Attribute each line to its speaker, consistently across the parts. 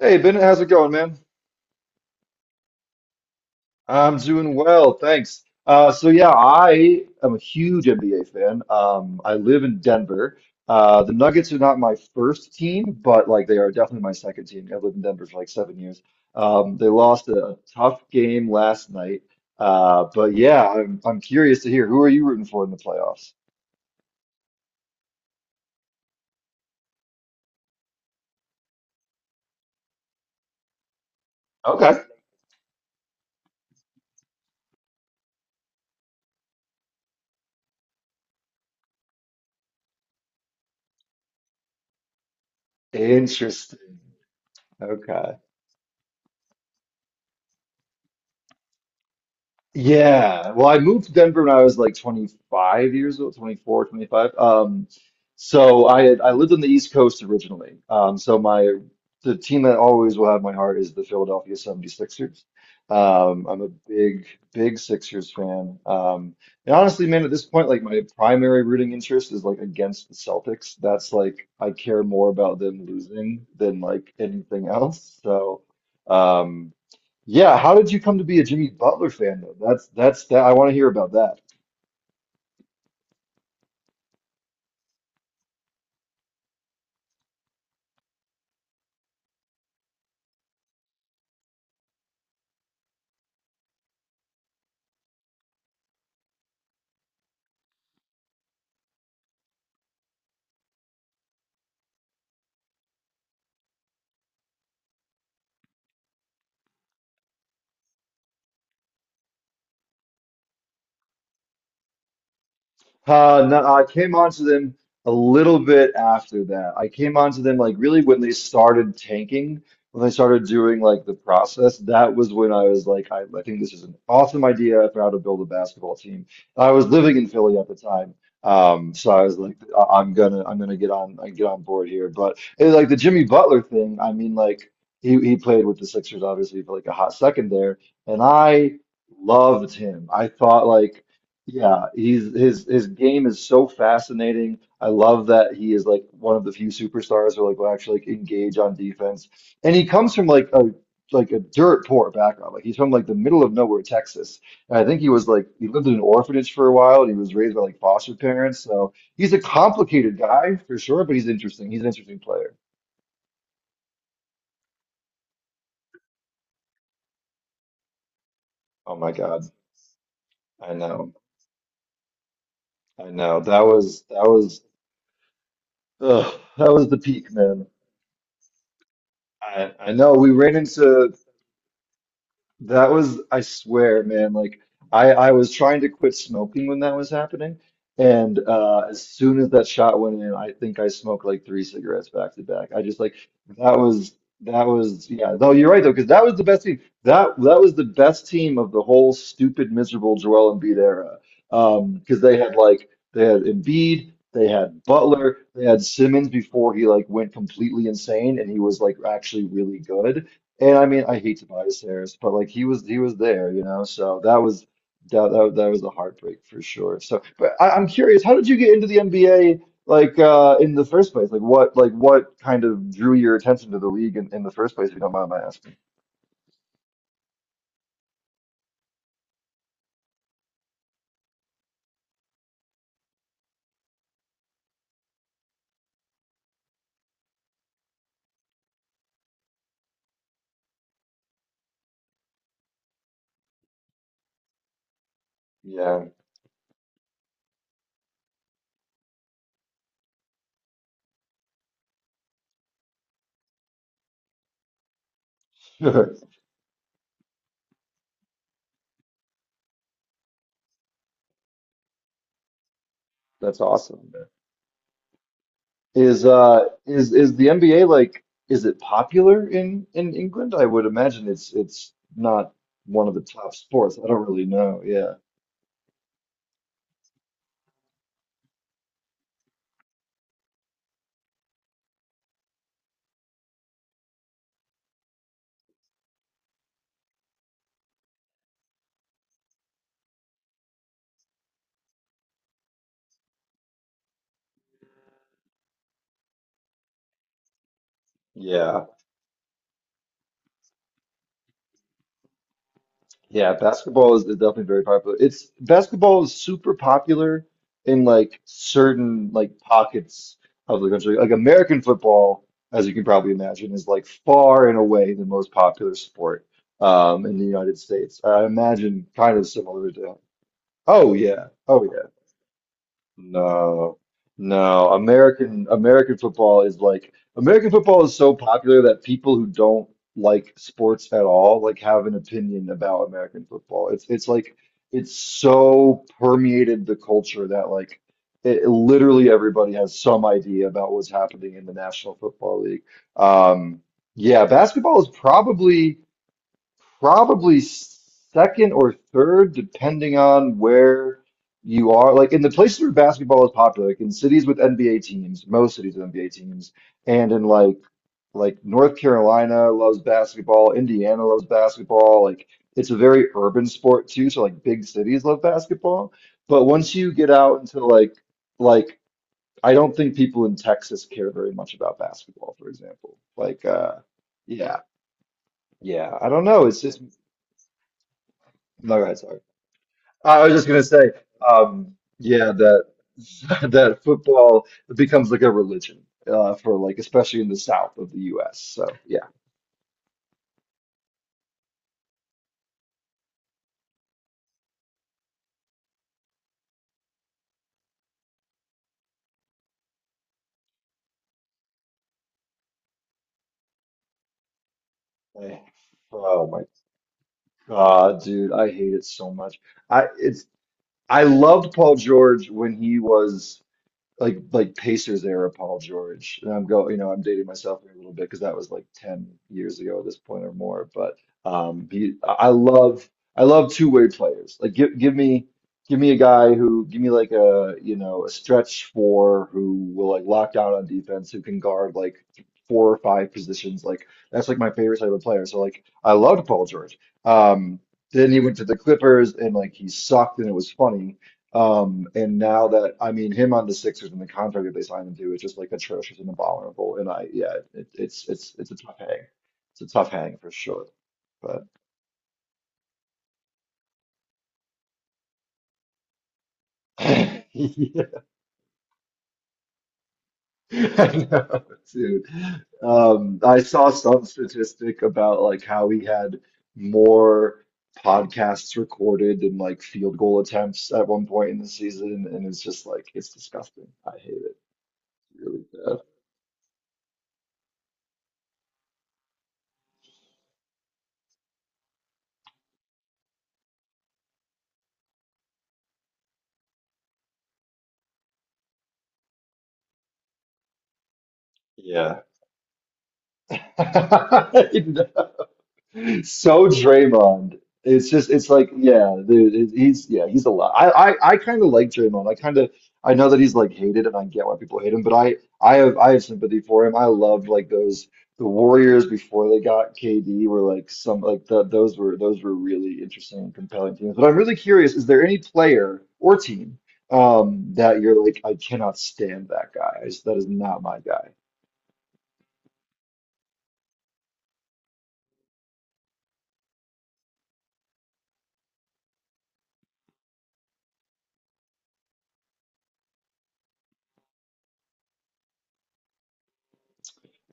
Speaker 1: Hey Bennett, how's it going, man? I'm doing well, thanks. Yeah, I am a huge NBA fan. I live in Denver. The Nuggets are not my first team, but like they are definitely my second team. I've lived in Denver for like 7 years. They lost a tough game last night. But yeah, I'm curious to hear, who are you rooting for in the playoffs? Okay. Interesting. Okay. Yeah. Well, I moved to Denver when I was like 25 years old, 24, 25. So I lived on the East Coast originally. So my the team that always will have my heart is the Philadelphia 76ers. I'm a big, big Sixers fan. And honestly, man, at this point, like my primary rooting interest is like against the Celtics. That's like I care more about them losing than like anything else. So, um. Yeah, how did you come to be a Jimmy Butler fan though? That's that I want to hear about that. No, I came onto them a little bit after that. I came onto them like really when they started tanking, when they started doing like the process. That was when I was like, I think this is an awesome idea for how to build a basketball team. I was living in Philly at the time, so I was like, I'm gonna get on, I get on board here. But it, was like the Jimmy Butler thing, I mean, like he played with the Sixers obviously for like a hot second there, and I loved him. I thought like. Yeah, he's his game is so fascinating. I love that he is like one of the few superstars who like will actually like engage on defense. And he comes from like a dirt poor background. Like he's from like the middle of nowhere, Texas. And I think he was like he lived in an orphanage for a while and he was raised by like foster parents. So he's a complicated guy for sure, but he's interesting. He's an interesting player. Oh my God. I know. I know. That was ugh, that was the peak, man. I know we ran into I swear, man, like I was trying to quit smoking when that was happening. And as soon as that shot went in, I think I smoked like 3 cigarettes back to back. I just like that was that was yeah, though you're right though, because that was the best team. That was the best team of the whole stupid, miserable Joel Embiid era. Because they had they had Embiid, they had Butler, they had Simmons before he like went completely insane and he was like actually really good. And I mean, I hate Tobias Harris, but like he was there, you know. So that was that was a heartbreak for sure. So, but I'm curious, how did you get into the NBA like in the first place? Like what kind of drew your attention to the league in the first place, if you don't mind my asking? Yeah, sure. That's awesome. Is is the NBA like, is it popular in England? I would imagine it's not one of the top sports. I don't really know. Yeah. Yeah. Yeah, basketball is definitely very popular. It's Basketball is super popular in like certain like pockets of the country. Like American football, as you can probably imagine, is like far and away the most popular sport in the United States. I imagine kind of similar to, oh yeah, oh yeah. No, no. American football is like American football is so popular that people who don't like sports at all like have an opinion about American football. It's like it's so permeated the culture that like it, literally everybody has some idea about what's happening in the National Football League. Um, yeah, basketball is probably second or third, depending on where you are. Like in the places where basketball is popular, like in cities with NBA teams, most cities with NBA teams, and in like North Carolina loves basketball, Indiana loves basketball. Like it's a very urban sport too, so like big cities love basketball. But once you get out into like like I don't think people in Texas care very much about basketball, for example. Like yeah. Yeah, I don't know. It's just no, go ahead, sorry. I was just gonna say, um, yeah, that that football becomes like a religion for like especially in the south of the U.S. So yeah. Eh, oh my God, dude, I hate it so much. I it's I loved Paul George when he was. Like Pacers era Paul George. And I'm go, you know, I'm dating myself here a little bit because that was like 10 years ago at this point or more. But he, I love two-way players. Like give me a guy who give me like a, you know, a stretch four who will like lock down on defense who can guard like 4 or 5 positions. Like that's like my favorite type of player. So like I loved Paul George. Um, then he went to the Clippers and like he sucked and it was funny. And now that I mean him on the Sixers and the contract that they signed him to is just like atrocious and abominable. And I yeah, it, it's it's a tough hang. It's a tough hang for sure. But yeah, I know, dude. I saw some statistic about like how he had more podcasts recorded than like field goal attempts at one point in the season, and it's just like it's disgusting. I hate it really bad. Yeah. It's so Draymond. It's just it's like yeah, the, he's yeah he's a lot. I kind of like Draymond. I kind of I know that he's like hated, and I get why people hate him. But I have sympathy for him. I loved like those the Warriors before they got KD were like some like the, those were really interesting and compelling teams. But I'm really curious, is there any player or team that you're like I cannot stand that guy. I just, that is not my guy.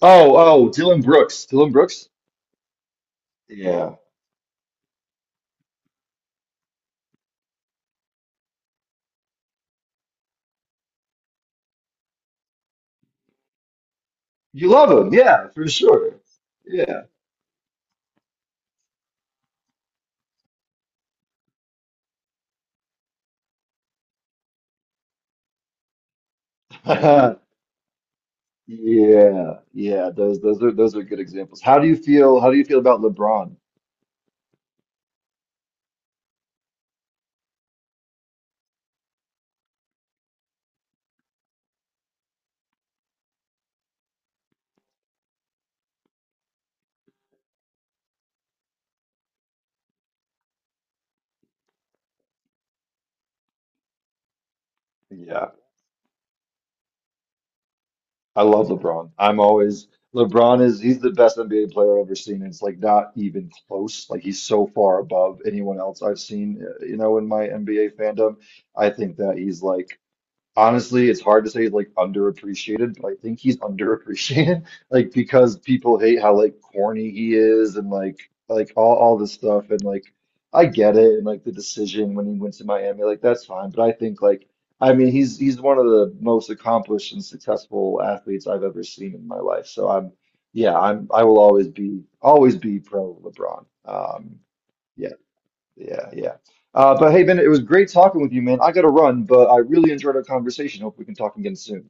Speaker 1: Oh Dylan Brooks. Dylan Brooks. Yeah. You love them, yeah, for sure. Yeah. Yeah, yeah, those those are good examples. How do you feel about LeBron? Yeah, I love LeBron. I'm always LeBron is he's the best NBA player I've ever seen. It's like not even close. Like he's so far above anyone else I've seen, you know, in my NBA fandom. I think that he's like, honestly, it's hard to say like underappreciated, but I think he's underappreciated, like because people hate how like corny he is and like all this stuff and like I get it and like the decision when he went to Miami, like that's fine, but I think like I mean he's one of the most accomplished and successful athletes I've ever seen in my life. So I'm yeah, I'm I will always be pro LeBron. Um, yeah. Yeah, yeah. But hey, Ben, it was great talking with you, man. I gotta run, but I really enjoyed our conversation. Hope we can talk again soon.